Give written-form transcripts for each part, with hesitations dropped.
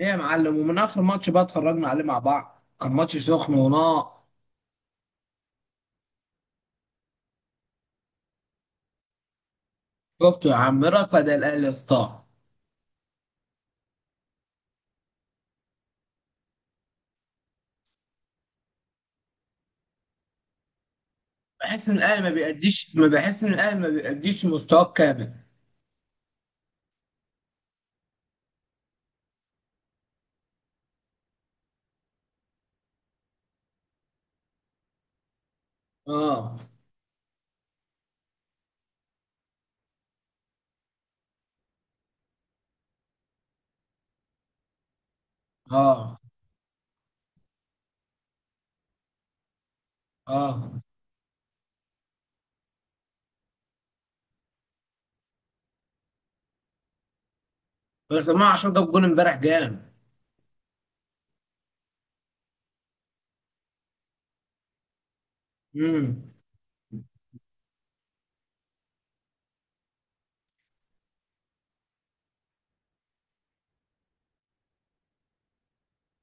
ايه يا معلم؟ ومن اخر ماتش بقى اتفرجنا عليه مع بعض، كان ماتش سخن ونار. شفته يا عم، رفض الاهلي يا اسطى. بحس ان الاهلي ما بيأديش، ما بحس ان الاهلي ما بيأديش مستواه كامل. اه، اه، اه. بس امام عاشور جاب جول امبارح جامد. امم،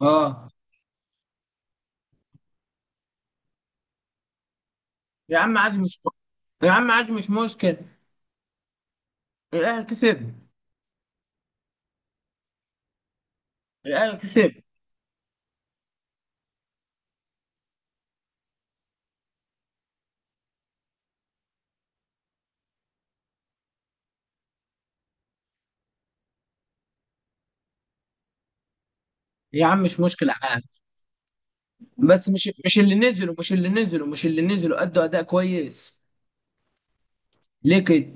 اه. يا عم عادي، مش مشكل. الاهلي كسب. الاهلي كسب. يا عم مش مشكلة، عادي. بس مش اللي نزلوا ادوا اداء كويس. ليه كده؟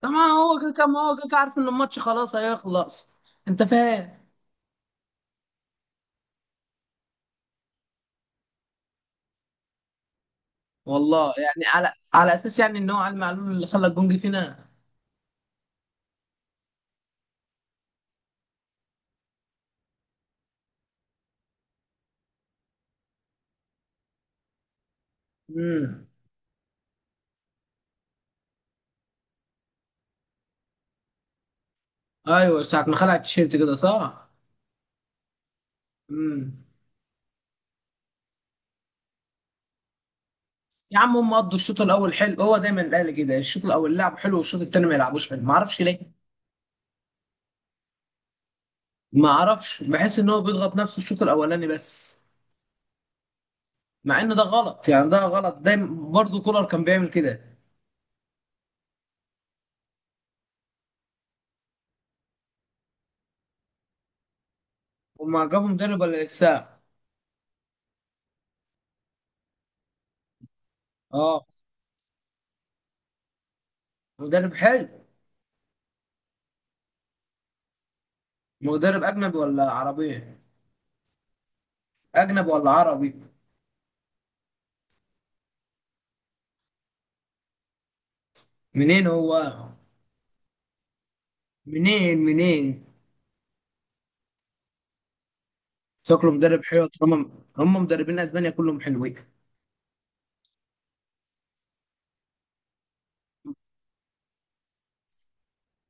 طبعا هو كده كان، ما هو كده كده عارف ان الماتش خلاص هيخلص. انت فاهم؟ والله يعني على اساس يعني ان هو علي معلول اللي خلى الجونج فينا. امم. ايوه، ساعه ما خلع التيشيرت كده، صح. امم. يا عم هم قضوا الشوط الاول حلو، هو دايما الاهلي كده، الشوط الاول لعب حلو والشوط التاني ما يلعبوش حلو، ما اعرفش ليه. ما اعرفش، بحس ان هو بيضغط نفسه الشوط الاولاني بس. مع ان ده غلط يعني، ده غلط دايما برضه، كولر كان بيعمل كده. وما جابوا مدرب ولا لسه؟ اه. مدرب حلو. مدرب أجنبي ولا عربي؟ أجنبي ولا عربي؟ منين هو؟ منين منين؟ شكله مدرب حلو طالما. هم مدربين أسبانيا كلهم حلوين.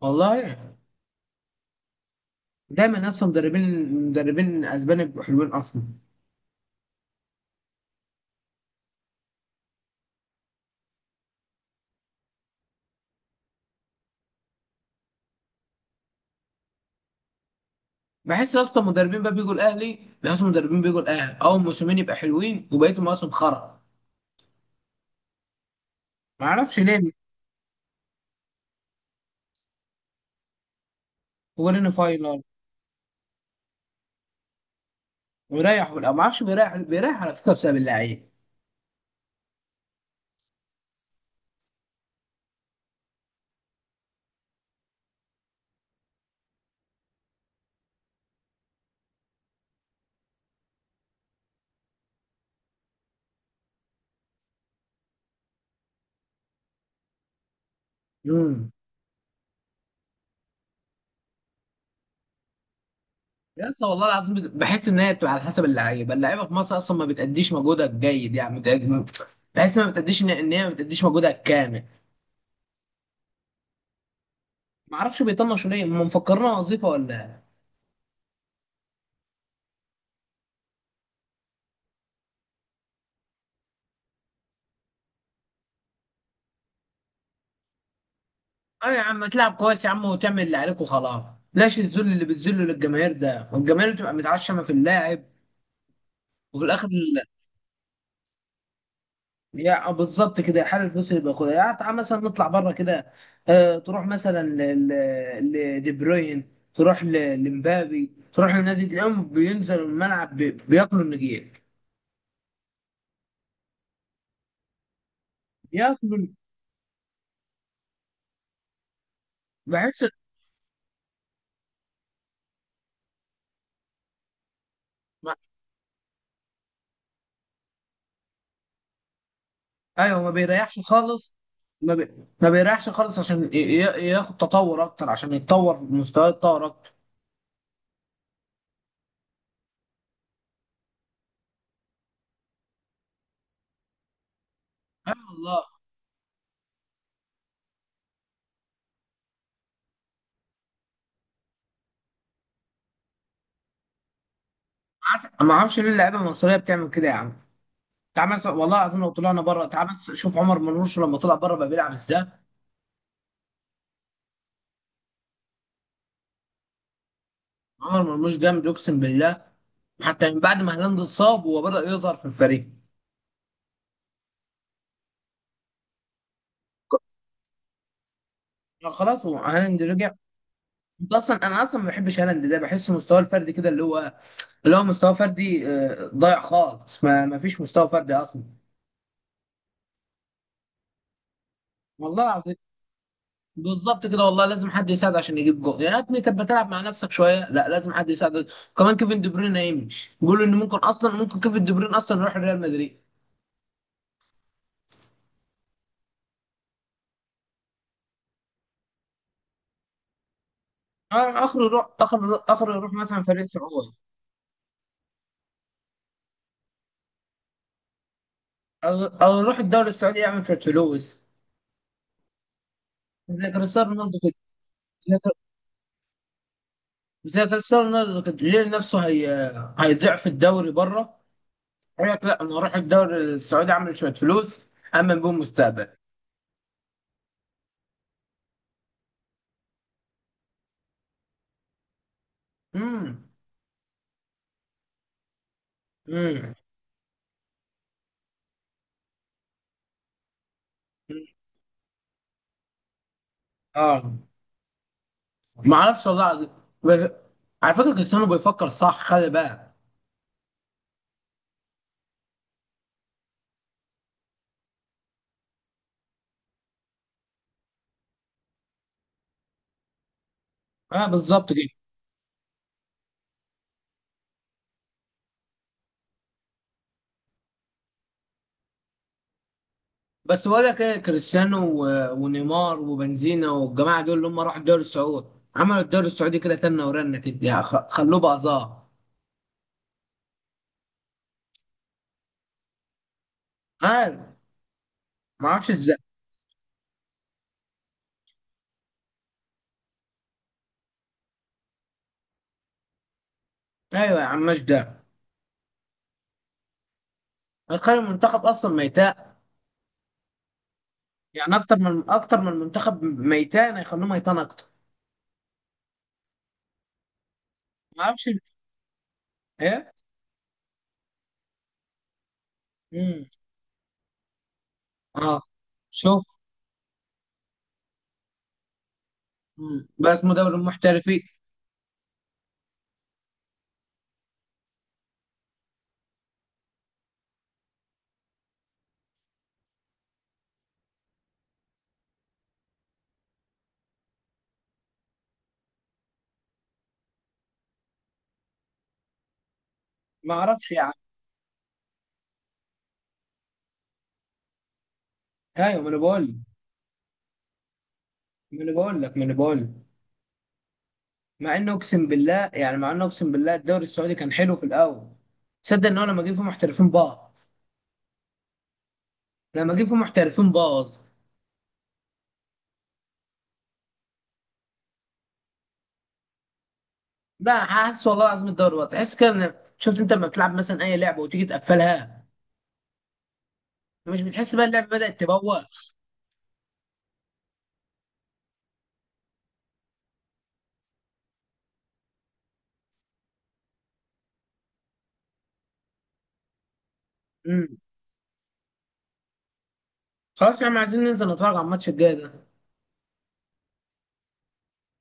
والله دايما أصلا مدربين، مدربين أسبانيا بيبقوا حلوين أصلا. بحس أصلا مدربين بقى بيجوا الأهلي، مدربين بيجوا الأهلي أول موسمين يبقى حلوين وبقيت المواسم خرا. معرفش ليه. هو لنا فاينل. ويريح، ولا معرفش، بيريح على فكرة بسبب اللعيب. يس والله العظيم، بحس ان هي بتبقى على حسب اللعيبه، اللعيبه في مصر اصلا ما بتأديش مجهودها الجيد يعني، بحس ما بتأديش، ان هي ما بتأديش مجهودها الكامل. ما اعرفش بيطنشوا ليه، هم مفكرينها وظيفه ولا إيه؟ اه يا عم تلعب كويس يا عم، وتعمل اللي عليك وخلاص. لاش الذل اللي بتذله للجماهير ده، والجماهير بتبقى متعشمه في اللاعب. وفي الاخر يعني بالظبط كده، حال الفلوس اللي بياخدها يعني. تعال مثلا نطلع بره كده، تروح مثلا لدي بروين، تروح لمبابي، تروح لنادي، تلاقيهم بينزلوا الملعب بياكلوا النجيل. بياكلوا. بحس ما- ايوه ما بيريحش خالص. ما بيريحش خالص عشان ياخد تطور اكتر، عشان يتطور في مستواه يتطور اكتر. اي والله. عارف، ما اعرفش ليه اللعيبه المصريه بتعمل كده يا عم. تعال مثلا والله العظيم لو طلعنا بره، تعال بس شوف عمر مرموش لما طلع بره بقى بيلعب ازاي. عمر مرموش جامد اقسم بالله. حتى من بعد ما هالاند اتصاب هو بدأ يظهر في الفريق. ك- خلاص، هو هالاند رجع. انت اصلا، انا اصلا ما بحبش هالاند ده، بحس مستواه الفردي كده، اللي هو اللي هو مستوى فردي ضايع خالص، ما فيش مستوى فردي اصلا. والله العظيم. بالظبط كده والله، لازم حد يساعد عشان يجيب جول، يا ابني طب ما تلعب مع نفسك شويه، لا لازم حد يساعدك. كمان كيفن دي بروين هيمشي، بيقولوا ان ممكن اصلا، ممكن كيفن دي بروين اصلا يروح ريال مدريد. اخره يروح، اخره يروح مثلا فريق سعودي. او يروح الدوري السعودي يعمل شويه فلوس، زي كريستيانو رونالدو كده. زي كر- زي كريستيانو رونالدو كده، ليه نفسه هي. هيضيع في الدوري بره. يقول لك لا، انا هروح الدوري السعودي اعمل شويه فلوس، امن بيهم مستقبل. امم. امم. اه. ما اعرفش والله العظيم. بس- على فكره كريستيانو بيفكر صح، خلي بالك. اه بالظبط كده. بس بقول لك ايه، كريستيانو ونيمار وبنزينا والجماعه دول اللي هم راحوا الدوري السعودي، عملوا الدوري السعودي كده تنه ورنه كده يعني، خلوه بقى ظاهر. ما ما اعرفش ازاي. ايوه يا عم ماشي ده. هيخلي المنتخب اصلا ميتاء. يعني اكتر من، اكتر من المنتخب ميتان هيخلوه ميتان اكتر. ما اعرفش ايه. امم. اه. شوف. مم. بس اسمه دوري المحترفين. ما اعرفش يا عم. ايوه ما انا بقول. ما انا بقول لك. مع انه اقسم بالله يعني، مع انه اقسم بالله الدوري السعودي كان حلو في الاول. تصدق ان هو لما جه فيه محترفين باظ؟ لما جه فيه محترفين باظ. لا حاسس والله العظيم الدوري باظ، تحس كده شفت انت لما بتلعب مثلا اي لعبه وتيجي تقفلها، مش بتحس بقى اللعبة بدأت تبوخ؟ امم. خلاص يا عم، عايزين ننزل نتفرج على الماتش الجاي ده.